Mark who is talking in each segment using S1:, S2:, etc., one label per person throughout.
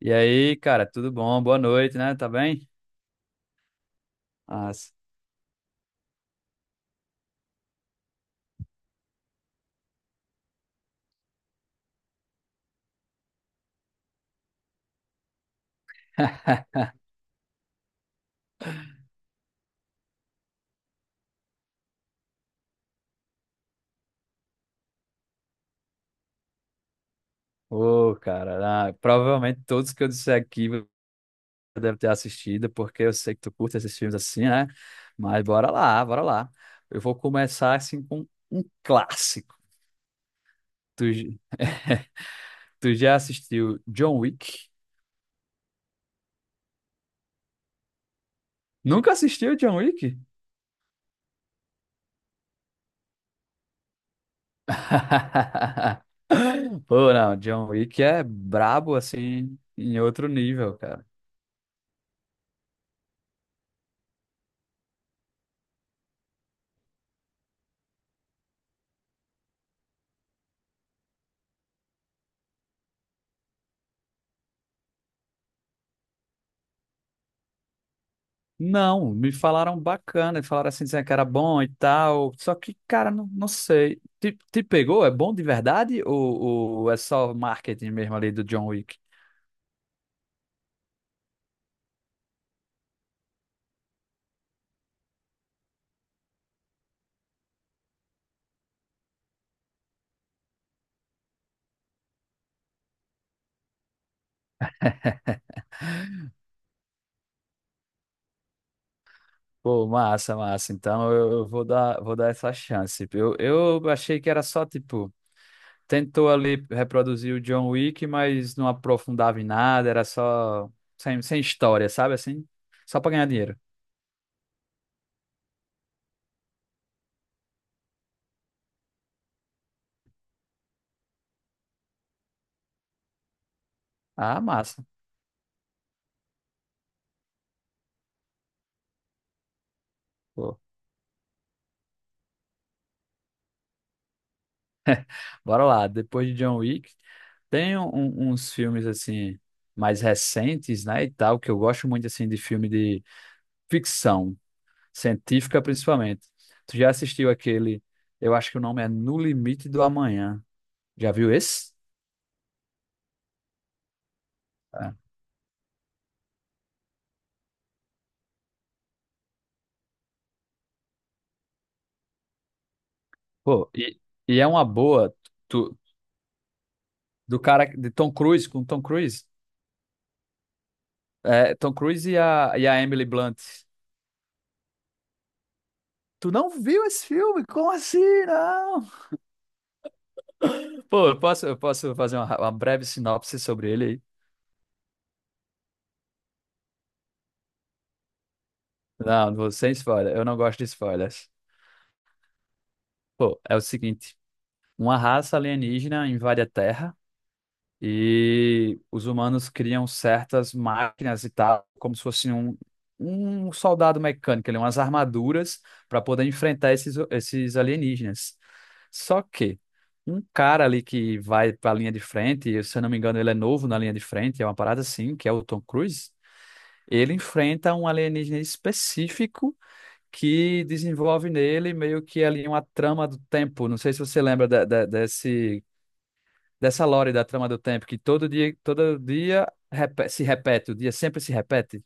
S1: E aí, cara, tudo bom? Boa noite, né? Tá bem? Nossa. Ô, cara, provavelmente todos que eu disser aqui você deve ter assistido, porque eu sei que tu curte esses filmes assim, né? Mas bora lá, bora lá. Eu vou começar assim com um clássico. Tu, j- Tu já assistiu John Wick? Nunca assistiu John Wick? Pô, não, John Wick é brabo assim em outro nível. Não, me falaram bacana, falaram assim, dizendo que era bom e tal. Só que, cara, não, não sei. Te pegou? É bom de verdade? Ou é só marketing mesmo ali do John Wick? Pô, massa, massa. Então eu vou dar essa chance. Eu achei que era só, tipo, tentou ali reproduzir o John Wick, mas não aprofundava em nada, era só sem história, sabe assim? Só pra ganhar dinheiro. Ah, massa. Pô. Bora lá, depois de John Wick, tem uns filmes assim mais recentes, né, e tal, que eu gosto muito assim de filme de ficção científica principalmente. Tu já assistiu aquele, eu acho que o nome é No Limite do Amanhã. Já viu esse? É. Pô, é uma boa tu- do cara de Tom Cruise com Tom Cruise. É, Tom Cruise e a Emily Blunt. Tu não viu esse filme? Como assim? Não. Pô, eu posso fazer uma breve sinopse sobre ele aí? Não, você sem spoiler. Eu não gosto de spoilers. Pô, é o seguinte: uma raça alienígena invade a Terra e os humanos criam certas máquinas e tal, como se fosse um, um soldado mecânico, ali, umas armaduras para poder enfrentar esses alienígenas. Só que um cara ali que vai para a linha de frente, e se eu não me engano, ele é novo na linha de frente, é uma parada assim, que é o Tom Cruise. Ele enfrenta um alienígena específico que desenvolve nele meio que ali uma trama do tempo. Não sei se você lembra desse, dessa lore da trama do tempo, que todo dia se repete, o dia sempre se repete.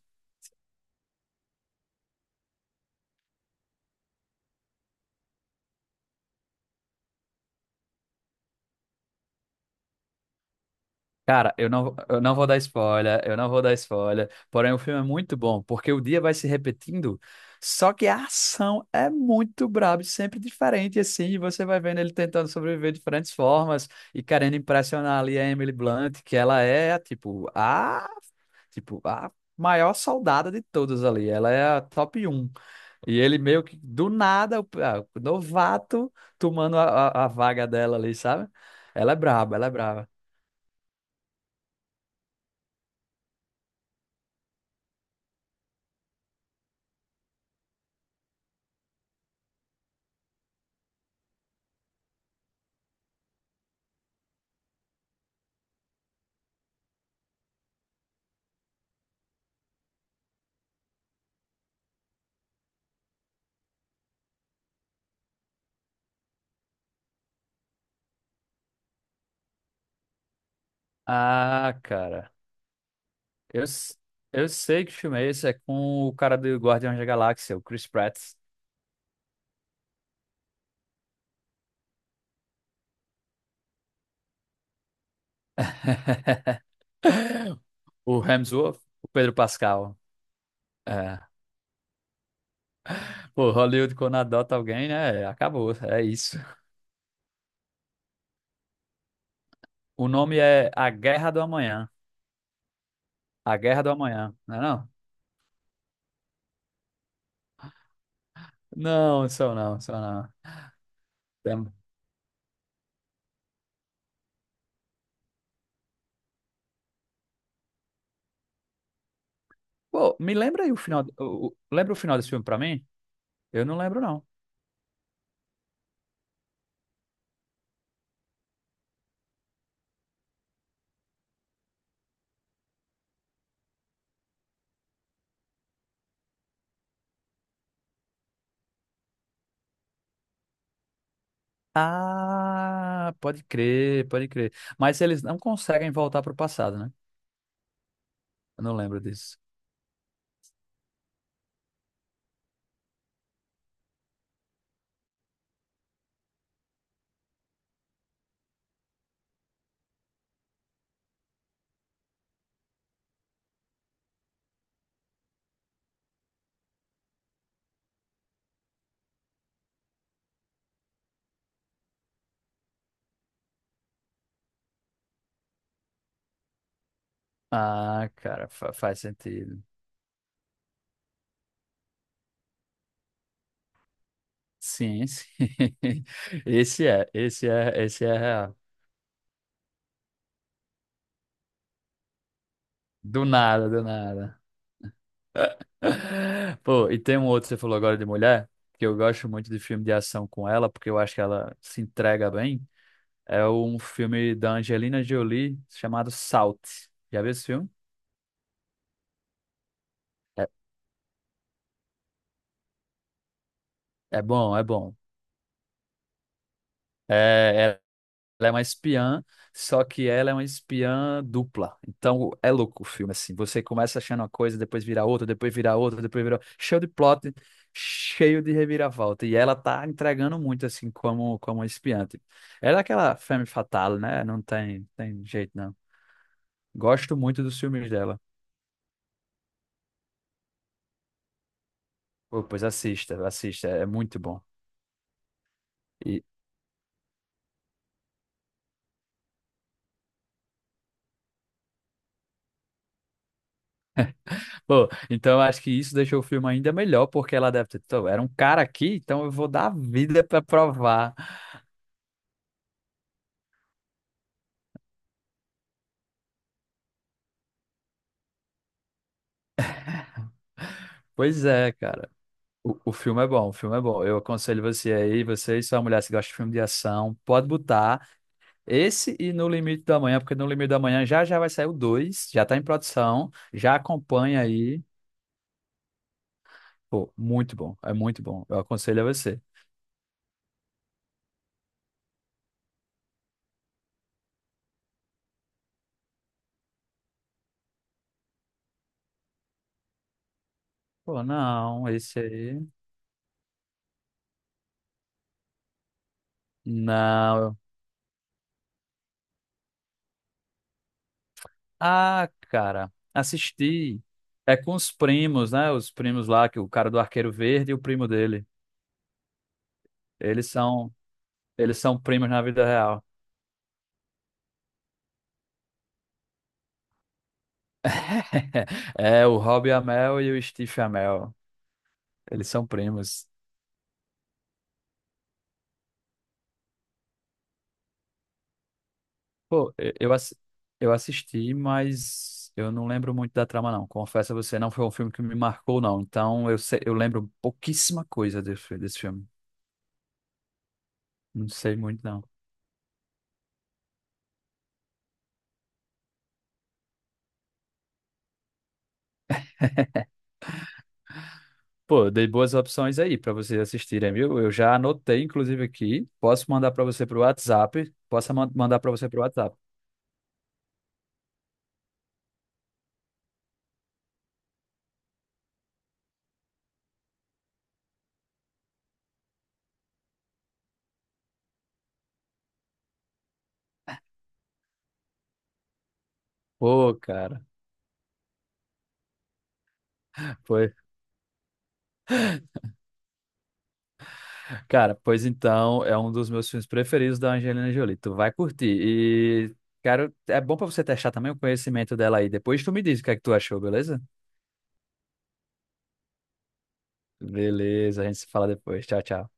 S1: Cara, eu não vou dar spoiler, eu não vou dar spoiler, porém o filme é muito bom, porque o dia vai se repetindo, só que a ação é muito braba, e sempre diferente, assim, e você vai vendo ele tentando sobreviver de diferentes formas e querendo impressionar ali a Emily Blunt, que ela é, tipo, a Tipo, a maior soldada de todas ali. Ela é a top um. E ele meio que, do nada, o novato tomando a vaga dela ali, sabe? Ela é braba, ela é braba. Ah, cara. Eu, s- eu sei que filme é esse. É com o cara do Guardiões da Galáxia, o Chris Pratt. O Hemsworth, o Pedro Pascal. É. Pô, Hollywood quando adota alguém, né? Acabou, é isso. O nome é A Guerra do Amanhã. A Guerra do Amanhã, né? Não? Não, são não, são não. Tem- um, Pô, me lembra aí o final. Lembra o final desse filme pra mim? Eu não lembro, não. Ah, pode crer, pode crer. Mas eles não conseguem voltar pro passado, né? Eu não lembro disso. Ah, cara, faz sentido. Sim, sim. Esse é real. Do nada, do nada. Pô, e tem um outro, você falou agora de mulher, que eu gosto muito de filme de ação com ela, porque eu acho que ela se entrega bem. É um filme da Angelina Jolie chamado Salt. Já viu esse filme? É, é bom, é bom. É, ela é uma espiã, só que ela é uma espiã dupla. Então é louco o filme, assim. Você começa achando uma coisa, depois vira outra, depois vira outra, depois vira outra. Cheio de plot, cheio de reviravolta. E ela tá entregando muito, assim, como espiã, tipo. Ela é aquela femme fatale, né? Tem jeito, não. Gosto muito dos filmes dela. Pô, pois assista, assista. É muito bom. Pô, então eu acho que isso deixou o filme ainda melhor, porque ela deve ter. "Tô, era um cara aqui, então eu vou dar a vida pra provar". Pois é, cara. O filme é bom, o filme é bom. Eu aconselho você aí, você e sua mulher, se gosta de filme de ação, pode botar esse e No Limite da Manhã, porque No Limite da Manhã já já vai sair o dois, já tá em produção, já acompanha aí. Pô, muito bom, é muito bom. Eu aconselho a você. Pô, não, esse aí. Não. Ah, cara, assisti. É com os primos, né? Os primos lá, que o cara do Arqueiro Verde e o primo dele. Eles são, eles são primos na vida real. É, o Rob Amell e o Steve Amell. Eles são primos. Pô, eu assisti, mas eu não lembro muito da trama, não. Confesso a você, não foi um filme que me marcou, não. Então eu lembro pouquíssima coisa desse filme. Não sei muito, não. Pô, eu dei boas opções aí para vocês assistirem, viu? Eu já anotei, inclusive, aqui. Posso mandar para você pro WhatsApp. Mandar para você pro WhatsApp. Pô, cara. Foi. Cara, pois então, é um dos meus filmes preferidos da Angelina Jolie. Tu vai curtir. E, cara, é bom para você testar também o conhecimento dela aí. Depois tu me diz o que é que tu achou, beleza? Beleza, a gente se fala depois. Tchau, tchau.